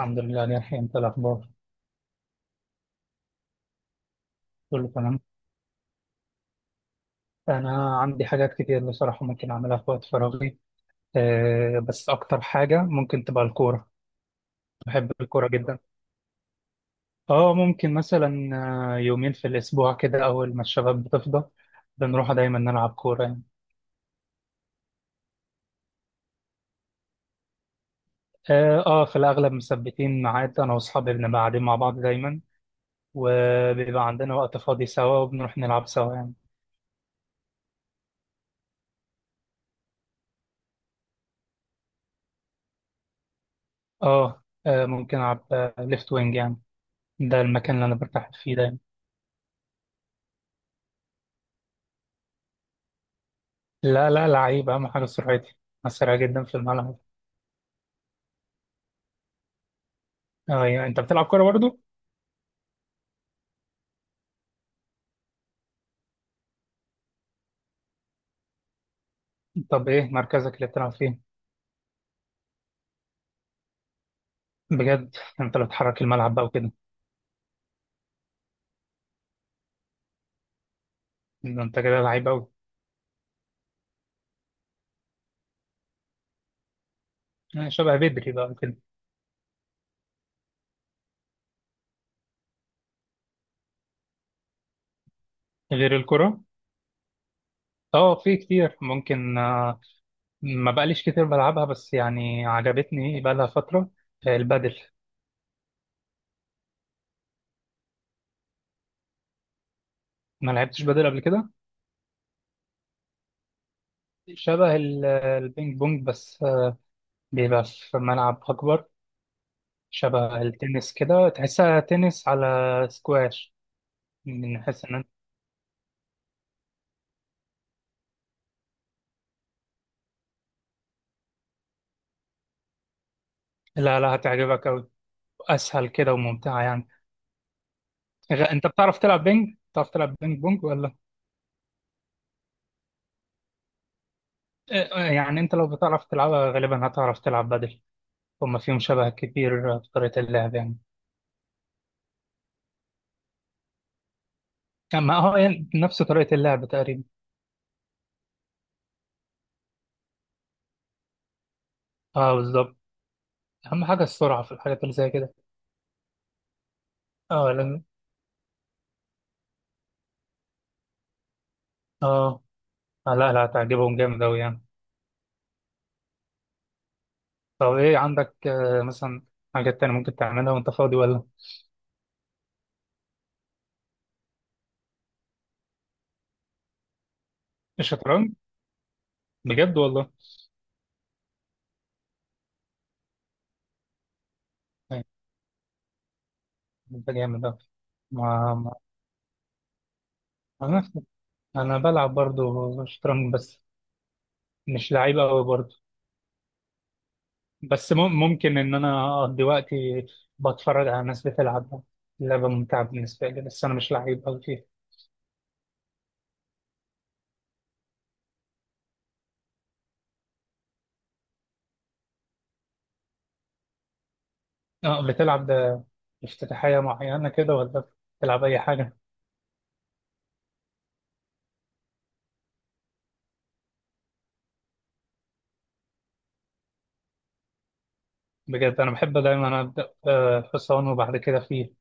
الحمد لله، أنا الحين أنت الأخبار. كله تمام. أنا عندي حاجات كتير بصراحة ممكن أعملها في وقت فراغي. أه بس أكتر حاجة ممكن تبقى الكورة. بحب الكورة جدا. أه ممكن مثلا يومين في الأسبوع كده أول ما الشباب بتفضى. بنروح دايما نلعب كورة يعني. أه في الأغلب مثبتين ميعاد أنا وأصحابي بنبقى قاعدين مع بعض دايما، وبيبقى عندنا وقت فاضي سوا وبنروح نلعب سوا يعني. أه ممكن ألعب ليفت وينج يعني. ده المكان اللي أنا برتاح فيه دايما. لا لا، لعيب، أهم حاجة سرعتي. أنا سريع جدا في الملعب. أيوة، أنت بتلعب كورة برضو؟ طب إيه مركزك اللي بتلعب فيه؟ بجد أنت اللي بتحرك الملعب بقى وكده. ده أنت كده لعيب أوي. يعني شبه بدري بقى وكده. غير الكرة؟ أه في كتير ممكن ما بقاليش كتير بلعبها، بس يعني عجبتني بقى لها فترة البادل. ما لعبتش بادل قبل كده. شبه البينج بونج، بس بيبقى في ملعب أكبر. شبه التنس كده، تحسها تنس على سكواش. بنحس ان لا لا هتعجبك أوي. أسهل كده وممتعة يعني. أنت بتعرف تلعب بينج؟ بتعرف تلعب بينج بونج ولا؟ آه، يعني أنت لو بتعرف تلعبها غالبا هتعرف تلعب بدل. هما فيهم شبه كتير في طريقة اللعب يعني. أما هو يعني نفس طريقة اللعب تقريبا. أه بالظبط. أهم حاجة السرعة في الحاجات اللي زي كده. أه لأن. أه لا لا هتعجبهم جامد أوي يعني. طب إيه عندك مثلا حاجات تانية ممكن تعملها وأنت فاضي ولا؟ الشطرنج. بجد والله. آه، أنت جامد أوي. ما ما- انا بلعب برضه شطرنج، بس مش لعيب قوي برضه. بس ممكن ان انا اقضي وقتي بتفرج على ناس بتلعب. لعبه ممتعه بالنسبه لي، بس انا مش لعيب قوي فيها. اه بتلعب ده افتتاحيه معينه كده ولا بتلعب اي حاجه؟ بجد انا بحب دايما ابدا حصان وبعد كده فيل.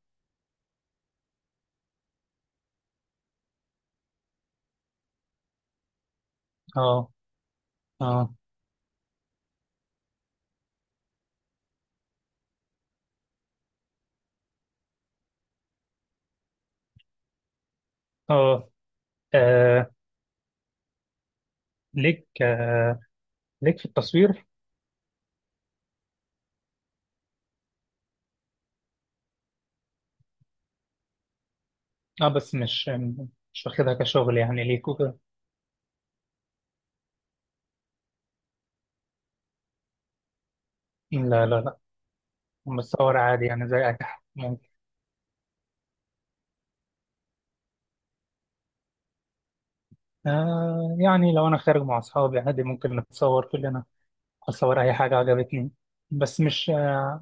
اه، اه، اه، آه، ليك آه، ليك في التصوير. اه بس مش واخدها كشغل يعني ليك وكده. لا لا لا، بصور عادي يعني زي اي حد. آه يعني لو أنا خارج مع أصحابي عادي ممكن نتصور كلنا. أصور أي حاجة عجبتني. بس مش آه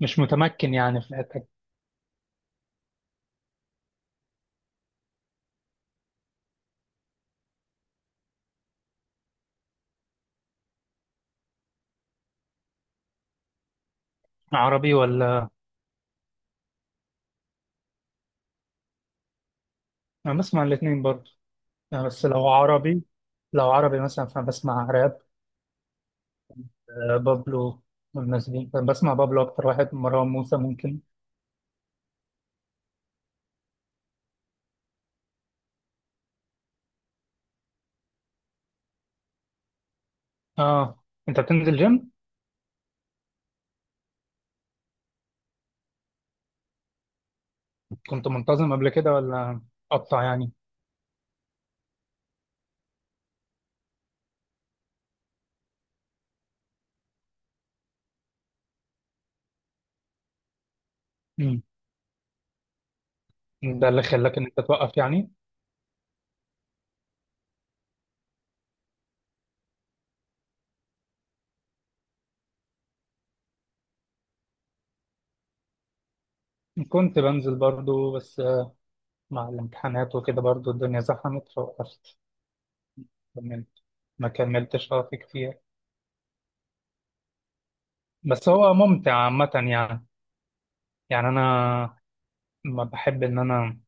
مش متمكن يعني في الحتة دي. عربي ولا؟ أنا بسمع الاتنين برضه. بس لو عربي مثلا فبسمع راب. بابلو والناس دي، بسمع بابلو أكتر واحد، مروان موسى ممكن. آه أنت بتنزل جيم؟ كنت منتظم قبل كده ولا قطع يعني؟ مم. ده اللي خلاك إن أنت توقف يعني؟ كنت بنزل برضه، بس مع الامتحانات وكده برضو الدنيا زحمت فوقفت. كملت ما كملتش، اه، في كتير. بس هو ممتع عامة يعني. يعني أنا ما بحب إن أنا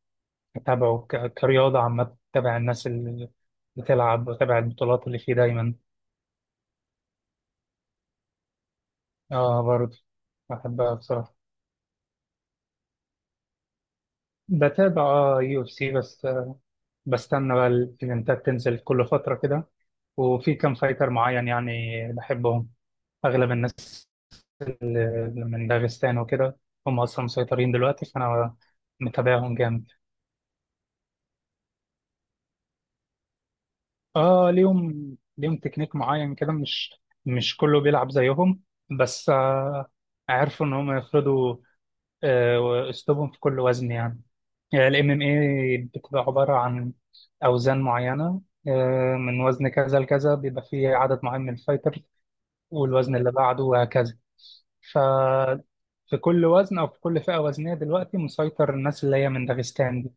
أتابعه كرياضة عامة، أتابع الناس اللي بتلعب وأتابع البطولات اللي فيه دايما. اه برضه بحبها بصراحة. بتابع UFC، بس بستنى بقى الإيفنتات تنزل كل فترة كده. وفي كام فايتر معين يعني بحبهم. أغلب الناس من داغستان وكده، هم أصلا مسيطرين دلوقتي فأنا متابعهم جامد. اه، ليهم تكنيك معين كده، مش كله بيلعب زيهم، بس عرفوا ان هم يفرضوا اسلوبهم في كل وزن يعني. MMA بتبقى عباره عن اوزان معينه، من وزن كذا لكذا بيبقى فيه عدد معين من الفايتر، والوزن اللي بعده وهكذا. ف في كل وزن او في كل فئه وزنيه دلوقتي مسيطر الناس اللي هي من داغستان دي.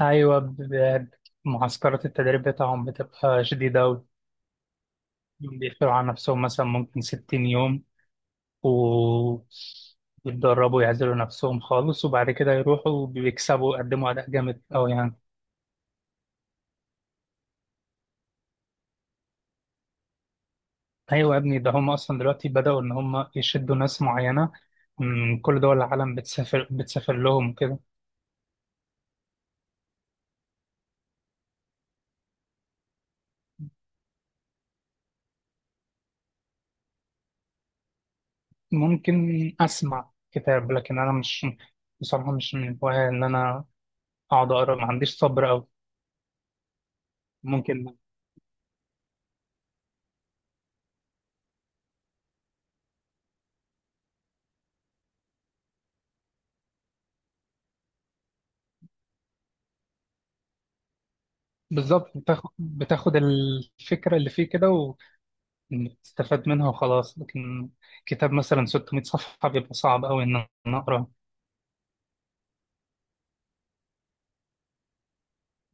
ايوه، معسكرات التدريب بتاعهم بتبقى شديده أوي. بيشتغلوا على نفسهم مثلا ممكن 60 يوم، و يتدربوا يعزلوا نفسهم خالص، وبعد كده يروحوا بيكسبوا يقدموا أداء جامد أوي يعني. أيوة يا ابني، ده هم أصلا دلوقتي بدأوا إن هم يشدوا ناس معينة من كل دول العالم، بتسافر لهم كده. ممكن أسمع كتاب لكن أنا مش، بصراحة مش من الهواية إن أنا أقعد أقرأ، ما عنديش صبر أوي. ممكن. بالظبط، بتاخد الفكرة اللي فيه كده، استفاد منها وخلاص، لكن كتاب مثلا 600 صفحة بيبقى صعب أوي إن أنا أقراه.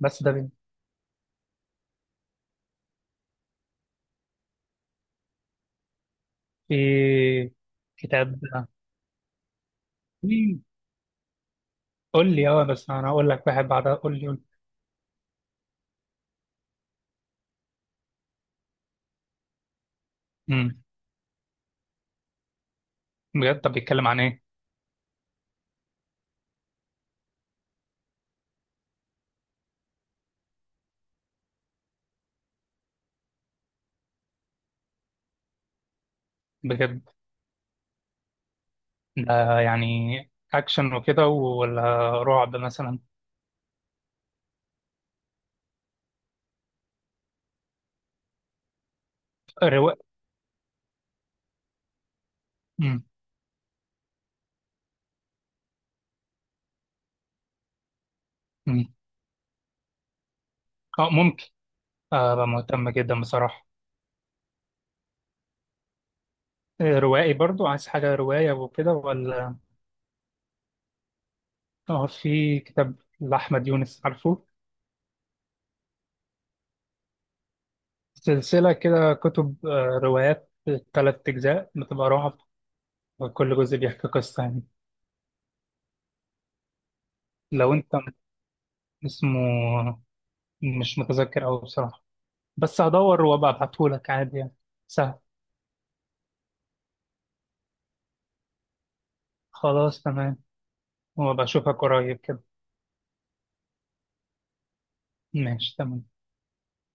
بس ده بي-، في كتاب. مم. قول لي، أه، بس أنا أقول لك واحد بعدها. قول لي قول لي. مم. بجد طب بيتكلم عن إيه؟ بجد. ده يعني أكشن وكده ولا رعب مثلا؟ رواية. مم. مم. أه ممكن. أبقى مهتم جدا بصراحة. روائي برضو، عايز حاجة رواية وكده ولا؟ أه في كتاب لأحمد يونس، عارفه؟ سلسلة كده كتب روايات، تلات أجزاء بتبقى رعب، وكل جزء بيحكي قصة يعني. لو أنت م- اسمه، مش متذكر أوي بصراحة، بس هدور وأبقى أبعتهولك عادي يعني، سهل. خلاص تمام. وأبقى أشوفك قريب كده. ماشي تمام.